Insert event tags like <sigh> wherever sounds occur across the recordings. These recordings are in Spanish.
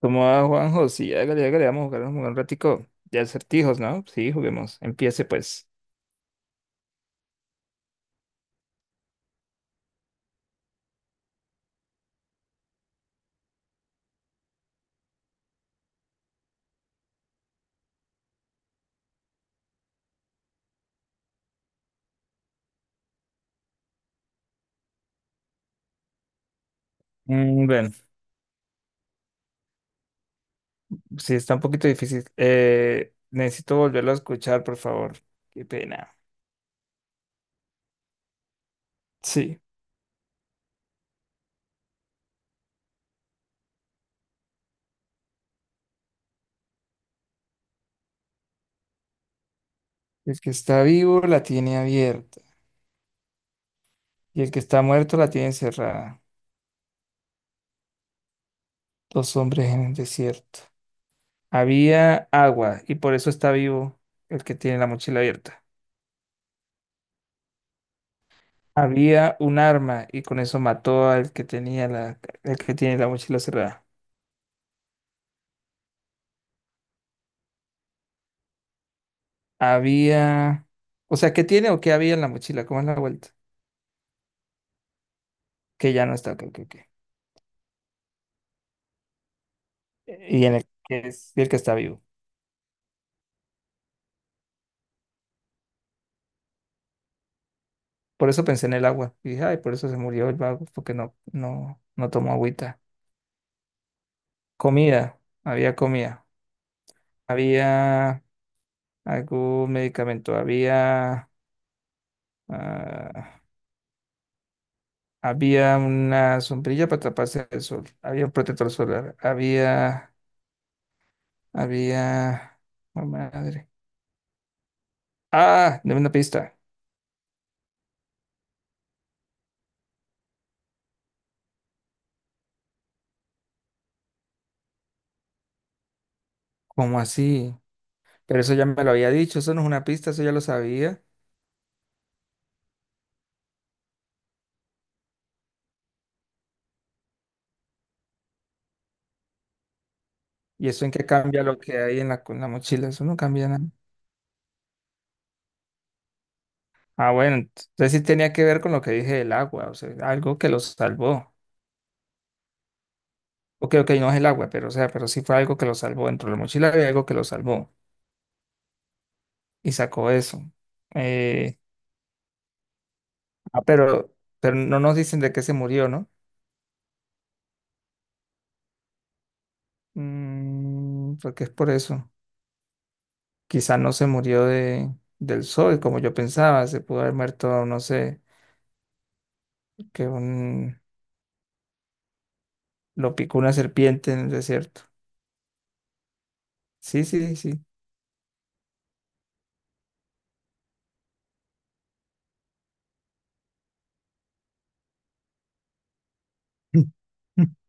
¿Cómo va, Juanjo? Sí, hágale, hágale, vamos a jugar un ratico de acertijos, ¿no? Sí, juguemos. Empiece, pues. Bueno, sí, está un poquito difícil. Necesito volverlo a escuchar, por favor. Qué pena. Sí. El que está vivo la tiene abierta y el que está muerto la tiene cerrada. Dos hombres en el desierto. Había agua y por eso está vivo el que tiene la mochila abierta. Había un arma y con eso mató al que tenía la, el que tiene la mochila cerrada. Había, o sea, ¿qué tiene o qué había en la mochila? ¿Cómo es la vuelta? Que ya no está, ok, ok, ok. Y en el que es y el que está vivo. Por eso pensé en el agua. Y dije, ay, por eso se murió el vago, porque no, no, no tomó agüita. Comida, comida. Había algún medicamento, había, ah, había una sombrilla para taparse del sol, había un protector solar, había, había, oh, madre. Ah, de una pista. ¿Cómo así? Pero eso ya me lo había dicho, eso no es una pista, eso ya lo sabía. ¿Y eso en qué cambia lo que hay en la, con la mochila? Eso no cambia nada. Ah, bueno, entonces sí tenía que ver con lo que dije del agua, o sea, algo que lo salvó. Ok, ok, no es el agua, pero o sea, pero sí fue algo que lo salvó. Dentro de la mochila había algo que lo salvó y sacó eso. Eh, ah, pero, pero no nos dicen de qué se murió, ¿no? Porque es por eso. Quizá no se murió de, del sol, como yo pensaba, se pudo haber muerto, no sé, que un. Lo picó una serpiente en el desierto. Sí, sí, sí. <laughs>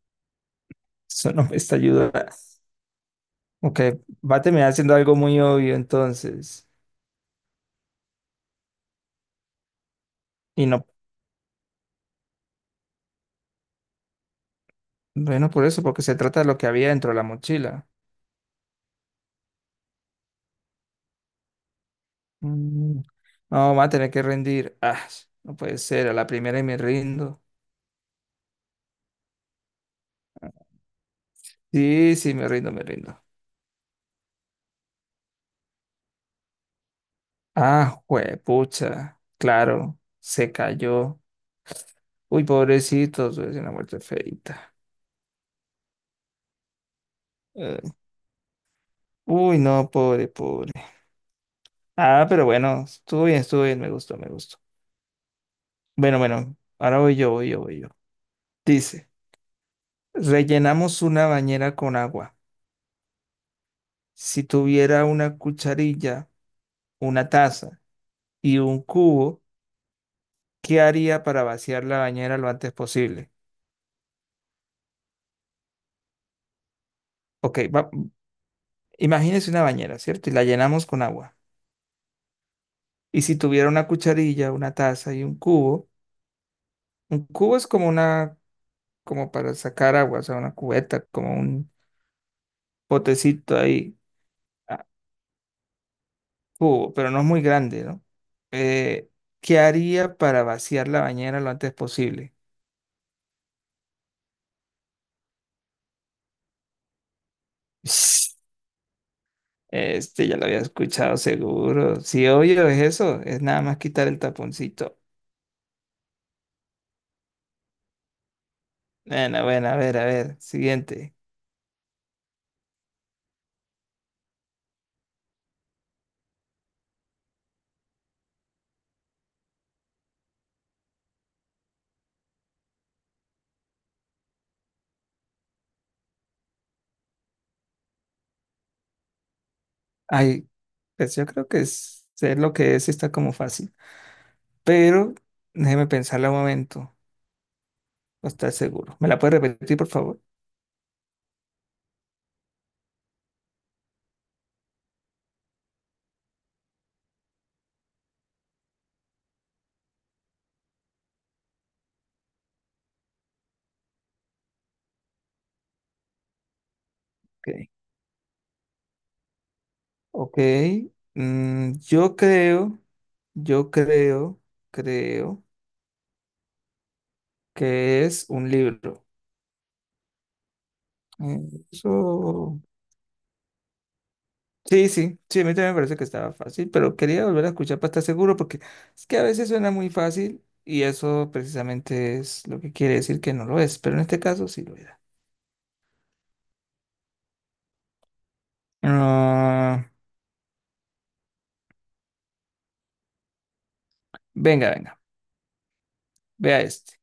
Eso no me está ayudando. Ok, va a terminar siendo algo muy obvio entonces. Y no, bueno, por eso, porque se trata de lo que había dentro de la mochila. Mm, No, va a tener que rendir. Ah, no puede ser, a la primera y me rindo. Sí, sí, me rindo, me rindo. Ah, pucha, claro, se cayó. Uy, pobrecito, es una muerte feita. Eh, Uy, no, pobre, pobre. Ah, pero bueno, estuvo bien, me gustó, me gustó. Bueno, bueno, ahora voy yo, voy yo, voy yo. Dice, rellenamos una bañera con agua. Si tuviera una cucharilla, una taza y un cubo, ¿qué haría para vaciar la bañera lo antes posible? Ok, imagínese una bañera, ¿cierto? Y la llenamos con agua. Y si tuviera una cucharilla, una taza y un cubo es como una, como para sacar agua, o sea, una cubeta, como un potecito ahí. Cubo, pero no es muy grande, ¿no? Eh, ¿Qué haría para vaciar la bañera lo antes posible? <laughs> Ps, este ya lo había escuchado seguro. Sí, obvio, es eso. Es nada más quitar el taponcito. Bueno, bueno, a ver, a ver. Siguiente. Ay, pues yo creo que es, sé lo que es, está como fácil. Pero déjeme pensarla un momento, para estar seguro. ¿Me la puede repetir, por favor? Ok. Ok. Yo creo, yo creo, creo que es un libro. Eh, Eso, sí, sí, sí, a mí también me parece que estaba fácil, pero quería volver a escuchar para estar seguro porque es que a veces suena muy fácil y eso precisamente es lo que quiere decir que no lo es, pero en este caso sí lo era. Ah, venga, venga, vea este.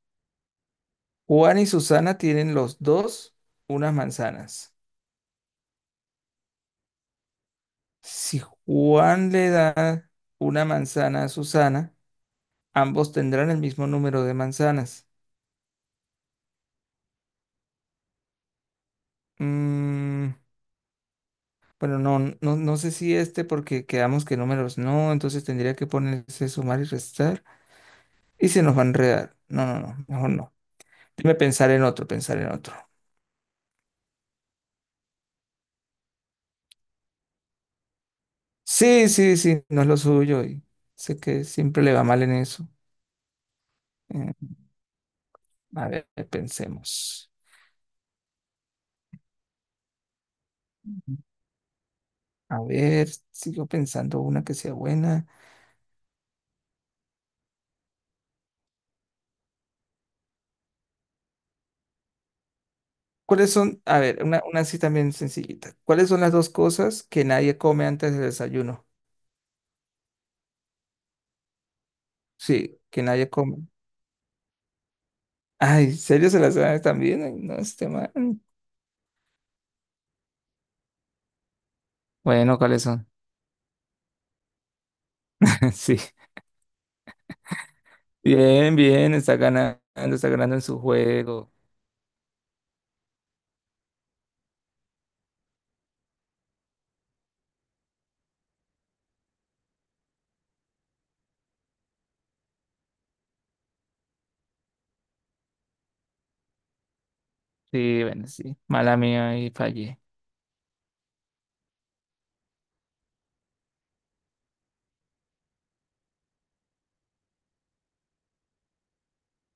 Juan y Susana tienen los dos unas manzanas. Si Juan le da una manzana a Susana, ambos tendrán el mismo número de manzanas. Mm, Bueno, no, no, no sé si este porque quedamos que números no, entonces tendría que ponerse sumar y restar y se nos va a enredar. No, no, no, mejor no. Dime pensar en otro, pensar en otro. Sí, sí, sí, no es lo suyo y sé que siempre le va mal en eso. Eh, a ver, pensemos. A ver, sigo pensando una que sea buena. ¿Cuáles son? A ver, una así también sencillita. ¿Cuáles son las dos cosas que nadie come antes del desayuno? Sí, que nadie come. Ay, ¿serio se las sabe también? Ay, no, este man. Bueno, ¿cuáles son? <laughs> Sí. Bien, bien, está ganando en su juego. Sí, bueno, sí. Mala mía y fallé.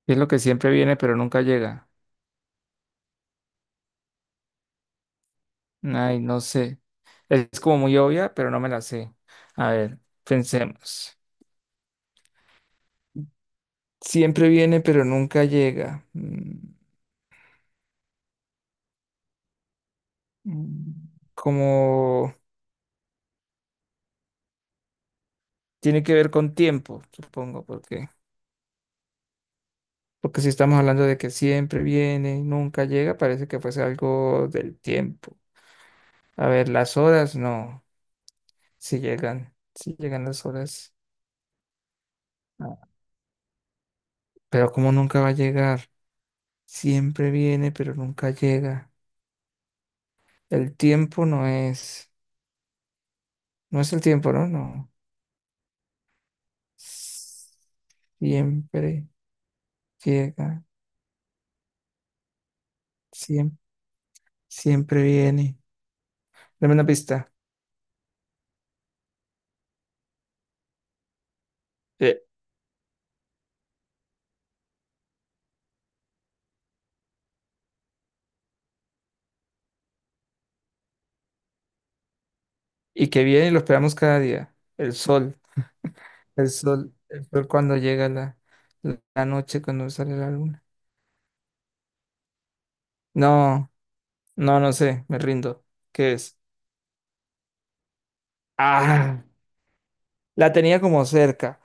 Es lo que siempre viene, pero nunca llega. Ay, no sé. Es como muy obvia, pero no me la sé. A ver, pensemos. Siempre viene, pero nunca llega. Mm, Como tiene que ver con tiempo, supongo, porque. Porque si estamos hablando de que siempre viene, nunca llega, parece que fuese algo del tiempo. A ver, las horas no, si llegan, si llegan las horas. Ah, pero como nunca va a llegar, siempre viene, pero nunca llega. El tiempo no es, no es el tiempo, ¿no? No. Siempre llega, siempre, siempre viene. Dame una pista. Eh, y que viene y lo esperamos cada día. El sol. El sol, el sol cuando llega la, la noche, cuando sale la luna. No, no, no sé, me rindo. ¿Qué es? Ah, la tenía como cerca.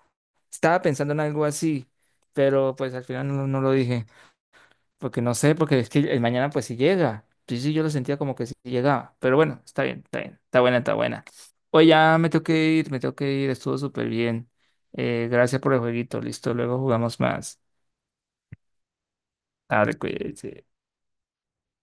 Estaba pensando en algo así, pero pues al final no, no lo dije, porque no sé, porque es que el mañana pues sí llega. Sí, sí, yo lo sentía como que sí llegaba, pero bueno, está bien, está bien, está buena, está buena. Oye, ya me tengo que ir, me tengo que ir, estuvo súper bien. Gracias por el jueguito, listo, luego jugamos más. Dale, cuídense.